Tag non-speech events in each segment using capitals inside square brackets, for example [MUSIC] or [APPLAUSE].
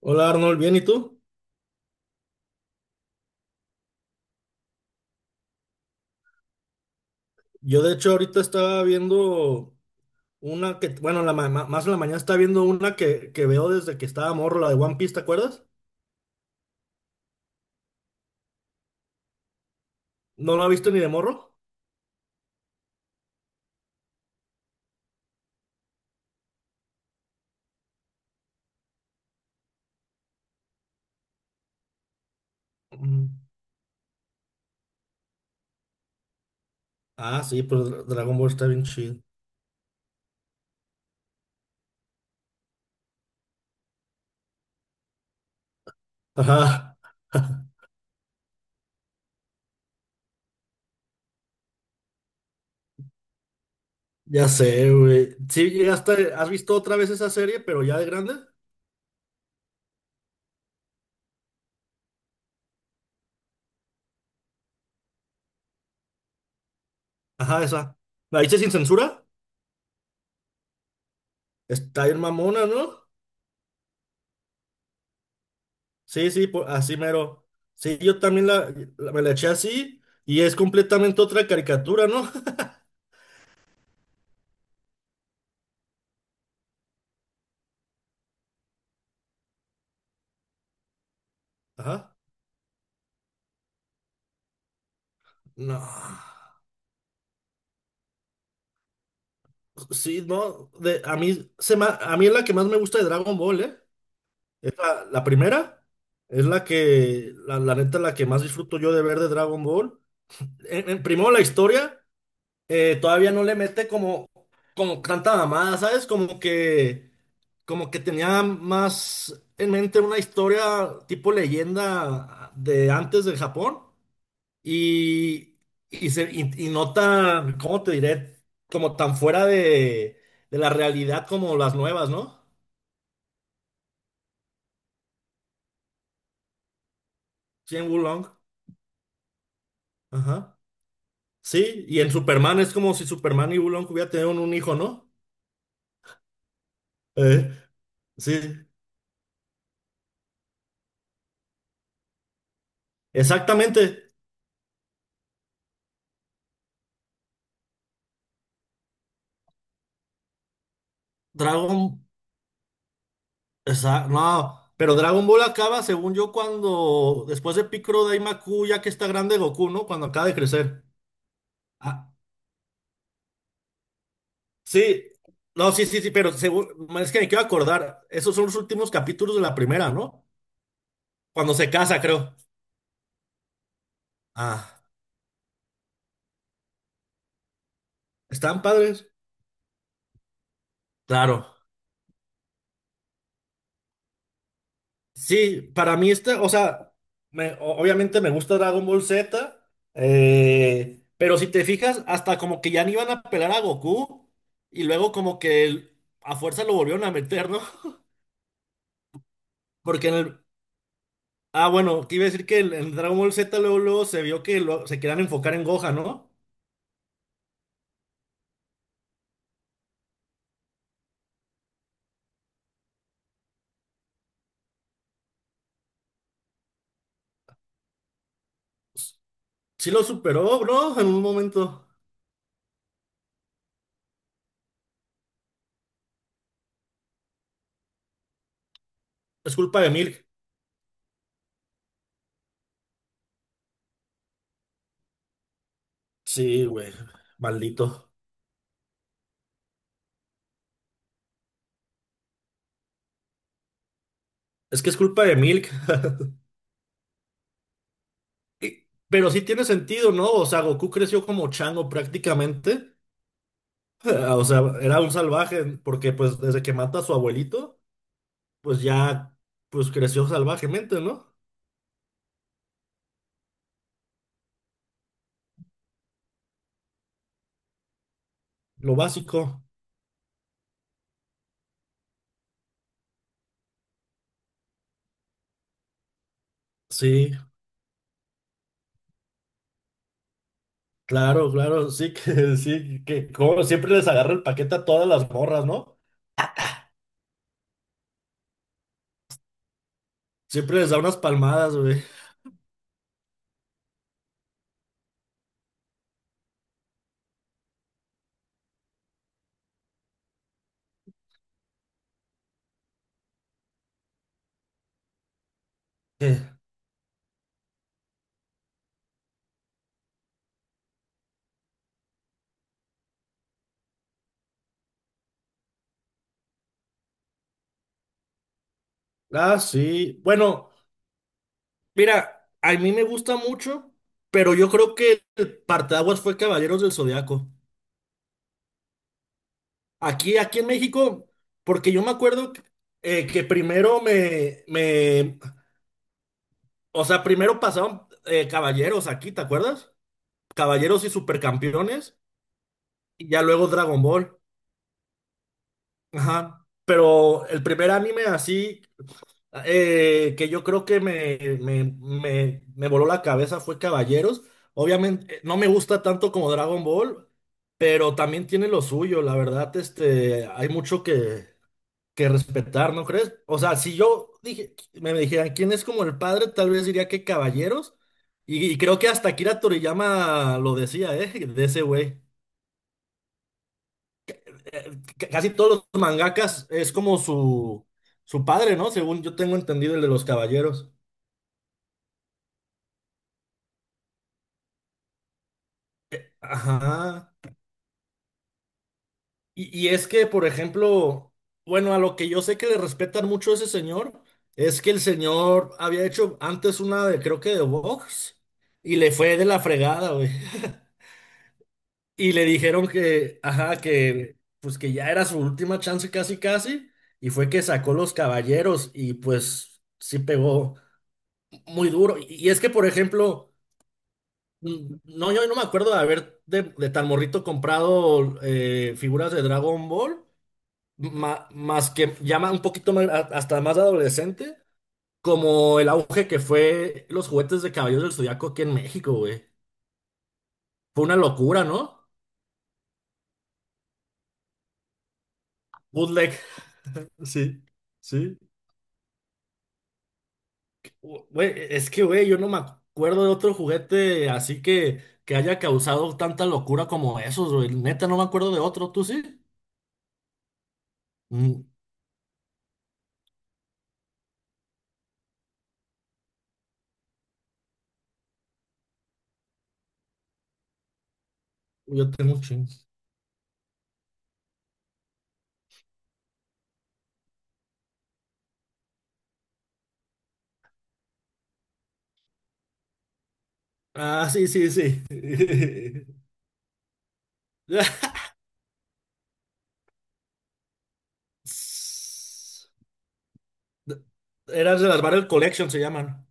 Hola Arnold, ¿bien y tú? Yo de hecho ahorita estaba viendo una que, bueno, la más en la mañana estaba viendo una que veo desde que estaba morro, la de One Piece, ¿te acuerdas? ¿No la has visto ni de morro? Mm. Ah, sí, pues Dragon Ball está bien chido. Ajá, [LAUGHS] ya sé, güey. Sí, llegaste, ¿has visto otra vez esa serie, pero ya de grande? Ajá, esa. ¿La viste sin censura? Está bien mamona, ¿no? Sí, sí, así mero. Sí, yo también me la eché así y es completamente otra caricatura, ¿no? Ajá. No. Sí, no. De, a mí, se ma- a mí es la que más me gusta de Dragon Ball, ¿eh? Es la primera. Es la neta, la que más disfruto yo de ver de Dragon Ball. Primero la historia, todavía no le mete como tanta mamada, ¿sabes? Como que tenía más en mente una historia tipo leyenda de antes del Japón. Y, y no tan, ¿cómo te diré? Como tan fuera de la realidad como las nuevas, ¿no? Sí, en Wulong. Ajá. Sí, y en Superman es como si Superman y Wulong hubieran tenido un hijo, ¿no? Eh, sí, exactamente. Dragon. No, pero Dragon Ball acaba, según yo, cuando, después de Piccolo Daimaku, ya que está grande Goku, ¿no? Cuando acaba de crecer. Ah, sí, no, sí, sí, sí, pero seguro, es que me quiero acordar, esos son los últimos capítulos de la primera, ¿no? Cuando se casa, creo. Ah, ¿están padres? Claro. Sí, para mí este, o sea, obviamente me gusta Dragon Ball Z, pero si te fijas, hasta como que ya ni iban a pelar a Goku y luego como que a fuerza lo volvieron a meter, ¿no? [LAUGHS] Porque en el... Ah, bueno, te iba a decir que en Dragon Ball Z luego se vio que se querían enfocar en Gohan, ¿no? Sí lo superó, bro, en un momento. Es culpa de Milk. Sí, güey, maldito. Es que es culpa de Milk. [LAUGHS] Pero sí tiene sentido, ¿no? O sea, Goku creció como chango prácticamente. [LAUGHS] O sea, era un salvaje porque pues desde que mata a su abuelito, pues ya, pues creció salvajemente, ¿no? Lo básico. Sí, claro, claro, sí que [LAUGHS] sí, que como siempre les agarra el paquete a todas las morras, ¿no? Siempre les da unas palmadas, güey. [LAUGHS] Eh, Ah, sí. Bueno. Mira, a mí me gusta mucho, pero yo creo que el parteaguas fue Caballeros del Zodiaco. Aquí en México, porque yo me acuerdo, que primero o sea, primero pasaron, Caballeros aquí, ¿te acuerdas? Caballeros y Supercampeones, y ya luego Dragon Ball. Ajá. Pero el primer anime así. Que yo creo que me voló la cabeza fue Caballeros. Obviamente, no me gusta tanto como Dragon Ball, pero también tiene lo suyo. La verdad, este, hay mucho que respetar, ¿no crees? O sea, si yo me dijeran quién es como el padre, tal vez diría que Caballeros. Y creo que hasta Akira Toriyama lo decía, ¿eh? De ese güey. Eh, Casi todos los mangakas es como su padre, ¿no? Según yo tengo entendido el de los Caballeros. Ajá. Y es que, por ejemplo, bueno, a lo que yo sé que le respetan mucho a ese señor, es que el señor había hecho antes una de, creo que de box, y le fue de la fregada, güey. [LAUGHS] Y le dijeron que, ajá, que pues que ya era su última chance casi casi, y fue que sacó los caballeros, y pues sí pegó muy duro. Y es que, por ejemplo, no, yo no me acuerdo de haber de tan morrito comprado, figuras de Dragon Ball. Más que llama un poquito más, hasta más adolescente, como el auge que fue los juguetes de Caballeros del Zodiaco aquí en México, güey. Fue una locura, ¿no? Bootleg. Sí, sí. Güey, es que, güey, yo no me acuerdo de otro juguete así que haya causado tanta locura como esos, güey. Neta, no me acuerdo de otro, ¿tú sí? Mm, yo tengo un chingo. Ah, sí, sí, sí. [LAUGHS] Eran de las Barrel Collection, se llaman.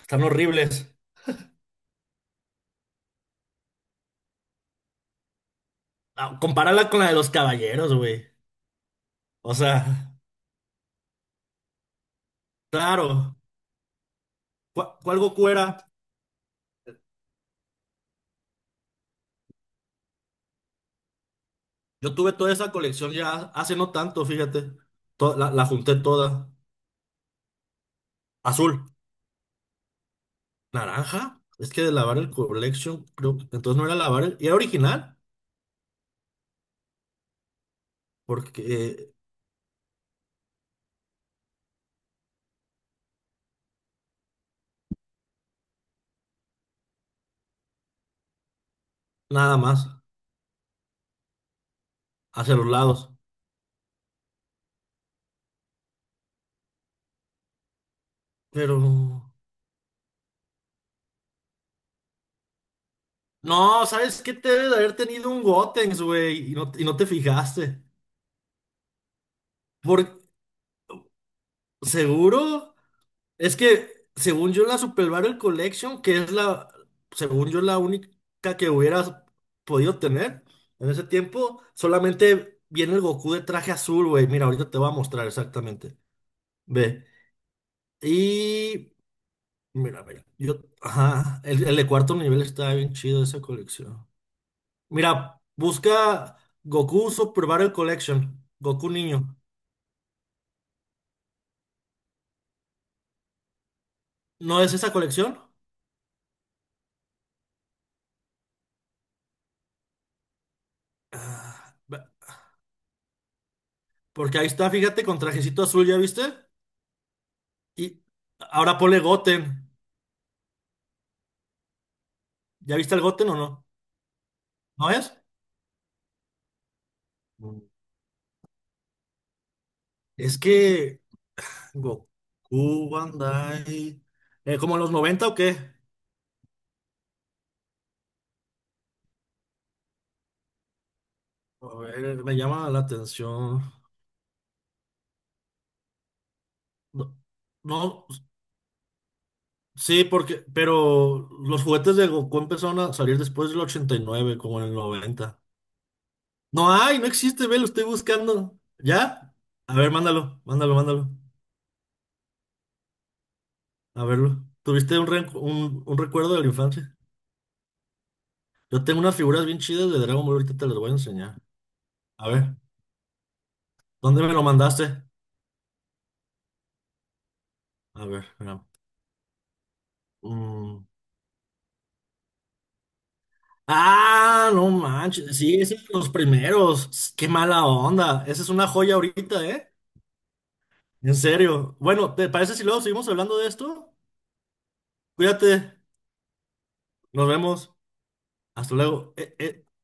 Están horribles. Ah, compararla con la de los caballeros, güey. O sea, claro. ¿Cuál Goku era? Yo tuve toda esa colección ya hace no tanto, fíjate. La junté toda. Azul. Naranja. Es que de lavar el collection, creo que entonces no era lavar el. Y era original. Porque, nada más. Hacia los lados. Pero. No, ¿sabes qué? Te debe de haber tenido un Gotenks, güey. Y no te fijaste. Por seguro. Es que, según yo, la Super Barrel Collection, que es la, según yo, la única que hubieras podido tener en ese tiempo, solamente viene el Goku de traje azul, güey. Mira, ahorita te voy a mostrar exactamente. Ve. Y, mira, mira, yo, ajá, el de cuarto nivel está bien chido esa colección. Mira, busca Goku Super Barrel Collection, Goku niño. ¿No es esa colección? Ve, porque ahí está, fíjate, con trajecito azul, ¿ya viste? Y ahora ponle Goten. ¿Ya viste el Goten o no? ¿No es? Mm. Es que Goku, One Day. ¿Como en los 90 o qué? A ver, me llama la atención. No, no, sí, porque, pero los juguetes de Goku empezaron a salir después del 89 como en el 90. No hay, no existe, ve, lo estoy buscando. ¿Ya? A ver, mándalo, mándalo, mándalo. A verlo. ¿Tuviste un, un recuerdo de la infancia? Yo tengo unas figuras bien chidas de Dragon Ball, ahorita te las voy a enseñar. A ver, ¿dónde me lo mandaste? A ver, espera. Mm. Ah, no manches, sí, ese es de los primeros. Qué mala onda. Esa es una joya ahorita, ¿eh? En serio. Bueno, ¿te parece si luego seguimos hablando de esto? Cuídate, nos vemos. Hasta luego.